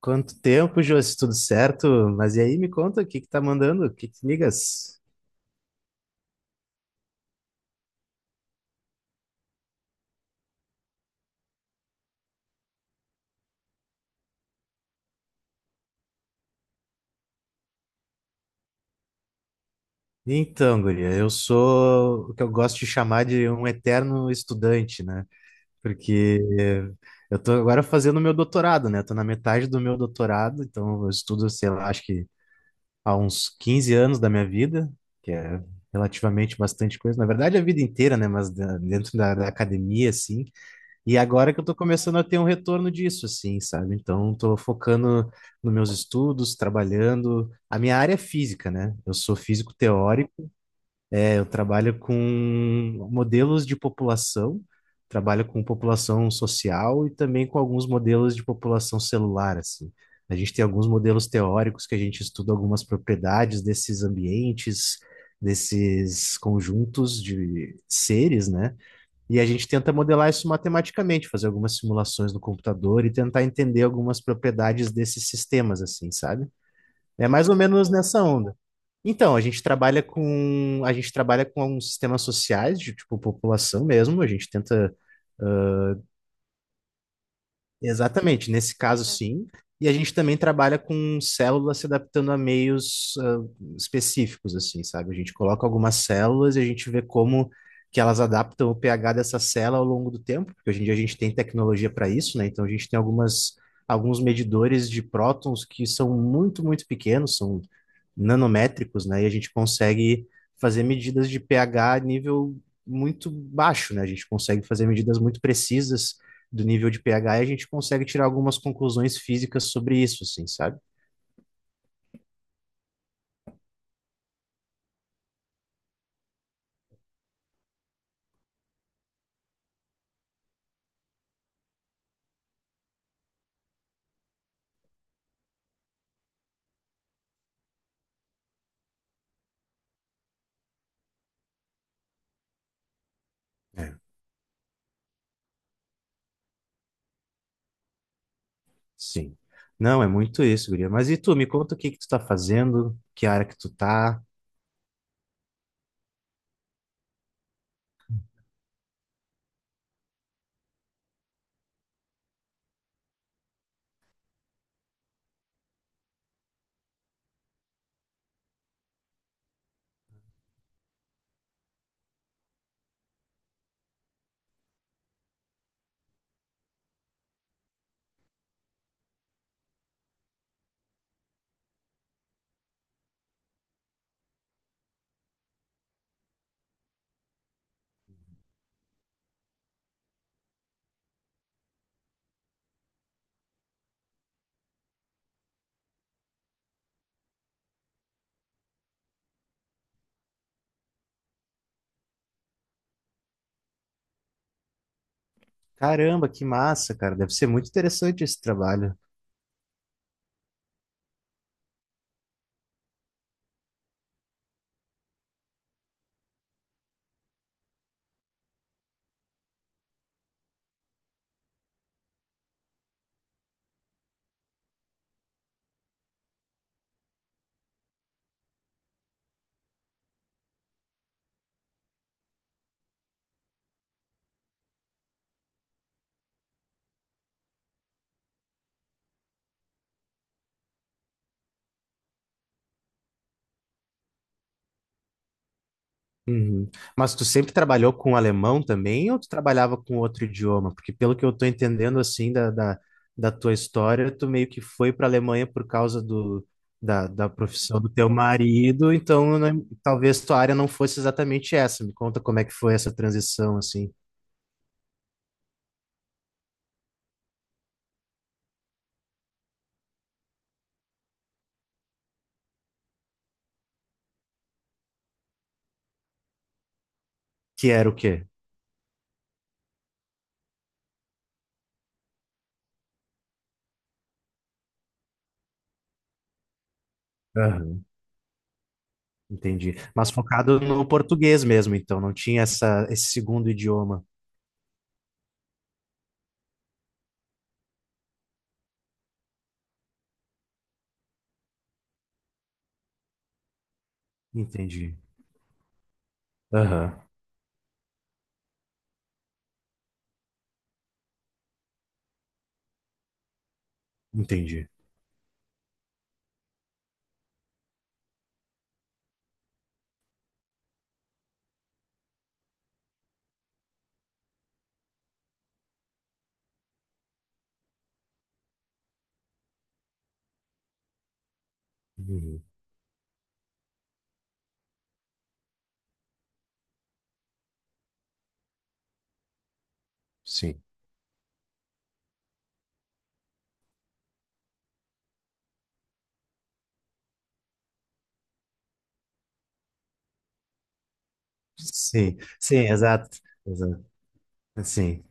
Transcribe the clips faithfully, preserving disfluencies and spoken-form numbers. Quanto tempo, Josi? Tudo certo? Mas e aí, me conta, o que que tá mandando? O que que ligas? Então, guria, eu sou o que eu gosto de chamar de um eterno estudante, né? Porque eu tô agora fazendo meu doutorado, né? Tô na metade do meu doutorado, então eu estudo, sei lá, acho que há uns quinze anos da minha vida, que é relativamente bastante coisa. Na verdade, a vida inteira, né? Mas da- dentro da, da academia, assim. E agora que eu tô começando a ter um retorno disso, assim, sabe? Então, tô focando nos meus estudos, trabalhando. A minha área é física, né? Eu sou físico teórico, é, eu trabalho com modelos de população, trabalho com população social e também com alguns modelos de população celular, assim. A gente tem alguns modelos teóricos que a gente estuda algumas propriedades desses ambientes, desses conjuntos de seres, né? E a gente tenta modelar isso matematicamente, fazer algumas simulações no computador e tentar entender algumas propriedades desses sistemas, assim, sabe? É mais ou menos nessa onda. Então, a gente trabalha com a gente trabalha com alguns sistemas sociais de tipo população mesmo. A gente tenta. Exatamente, nesse caso sim. E a gente também trabalha com células se adaptando a meios ah, específicos, assim, sabe? A gente coloca algumas células e a gente vê como que elas adaptam o pH dessa célula ao longo do tempo, porque hoje em dia a gente tem tecnologia para isso, né? Então a gente tem algumas, alguns medidores de prótons que são muito, muito pequenos, são nanométricos, né? E a gente consegue fazer medidas de pH a nível muito baixo, né? A gente consegue fazer medidas muito precisas do nível de pH e a gente consegue tirar algumas conclusões físicas sobre isso, assim, sabe? É, sim. Não, é muito isso, guria. Mas e tu, me conta o que que tu tá fazendo, que área que tu tá. Caramba, que massa, cara. Deve ser muito interessante esse trabalho. Uhum. Mas tu sempre trabalhou com alemão também ou tu trabalhava com outro idioma? Porque pelo que eu tô entendendo assim da, da, da tua história, tu meio que foi para a Alemanha por causa do, da, da profissão do teu marido, então né, talvez tua área não fosse exatamente essa. Me conta como é que foi essa transição assim, que era o quê? Aham, entendi. Mas focado no português mesmo, então não tinha essa, esse segundo idioma. Entendi. Aham, entendi. Uhum. Sim. Sim, sim, exato, exato, sim.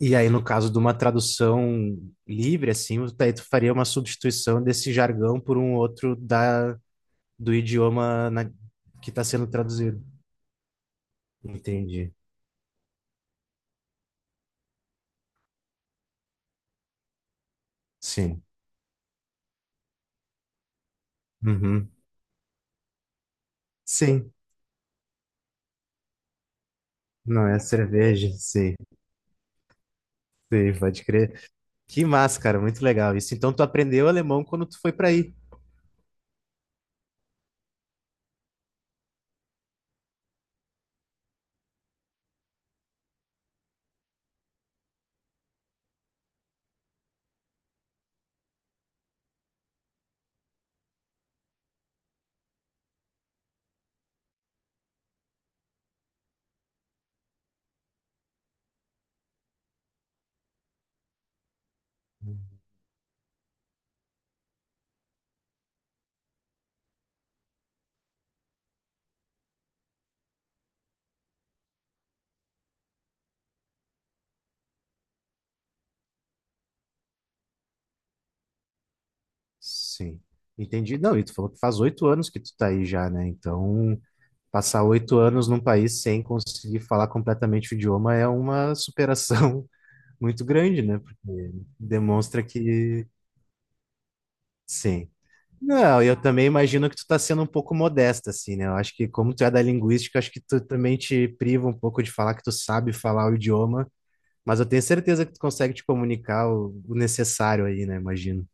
E aí, no caso de uma tradução livre, assim, tu- aí tu faria uma substituição desse jargão por um outro da, do idioma na- que está sendo traduzido. Entendi. Sim. Uhum. Sim, não é cerveja, sim, sim, pode crer. Que massa, cara, muito legal isso. Então, tu aprendeu alemão quando tu foi para aí. Sim, entendi. Não, e tu falou que faz oito anos que tu tá aí já, né? Então, passar oito anos num país sem conseguir falar completamente o idioma é uma superação muito grande, né? Porque demonstra que sim. Não, eu também imagino que tu tá sendo um pouco modesta, assim, né? Eu acho que como tu é da linguística, eu acho que tu também te priva um pouco de falar que tu sabe falar o idioma, mas eu tenho certeza que tu consegue te comunicar o o necessário aí, né? Imagino.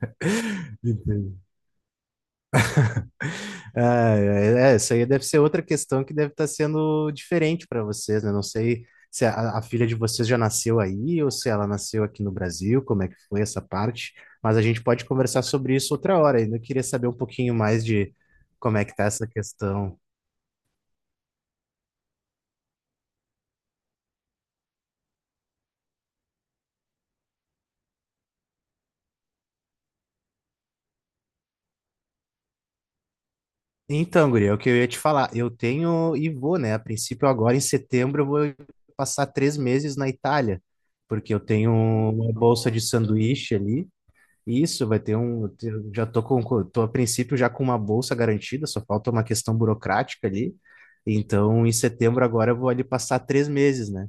Ah, é, é, isso aí deve ser outra questão que deve estar sendo diferente para vocês, né? Não sei se a, a filha de vocês já nasceu aí ou se ela nasceu aqui no Brasil, como é que foi essa parte, mas a gente pode conversar sobre isso outra hora. Ainda queria saber um pouquinho mais de como é que tá essa questão. Então, guria, é o que eu ia te falar, eu tenho e vou, né? A princípio, agora em setembro, eu vou passar três meses na Itália, porque eu tenho uma bolsa de sanduíche ali. Isso, vai ter um. Eu já tô com, com- tô a princípio já com uma bolsa garantida, só falta uma questão burocrática ali. Então, em setembro agora eu vou ali passar três meses, né?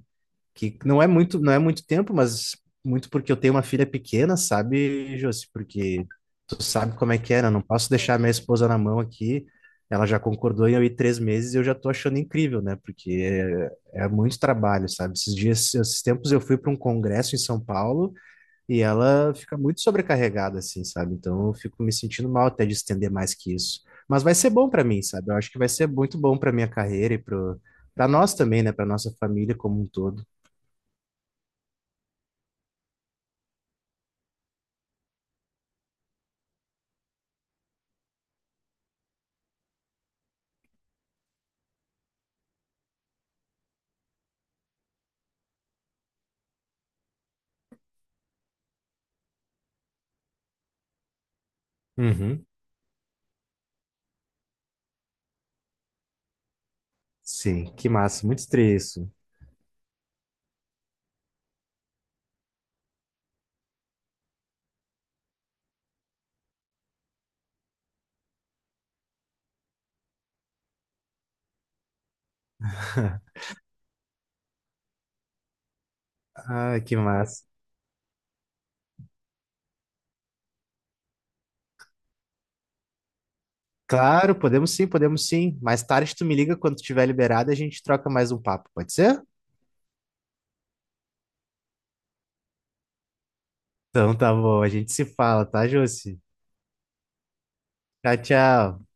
Que não é muito, não é muito tempo, mas muito porque eu tenho uma filha pequena, sabe, Josi? Porque tu sabe como é que é, né? Eu não posso deixar minha esposa na mão aqui. Ela já concordou em eu ir três meses e eu já tô achando incrível, né? Porque é, é muito trabalho, sabe? Esses dias, esses tempos eu fui para um congresso em São Paulo. E ela fica muito sobrecarregada, assim, sabe? Então eu fico me sentindo mal até de estender mais que isso. Mas vai ser bom pra mim, sabe? Eu acho que vai ser muito bom pra minha carreira e pro... para nós também, né? Pra nossa família como um todo. Uhum. Sim, que massa, muito estranho isso. Ah, que massa. Claro, podemos sim, podemos sim. Mais tarde tu me liga quando tiver liberado e a gente troca mais um papo, pode ser? Então tá bom, a gente se fala, tá, Josi? Tchau, tchau.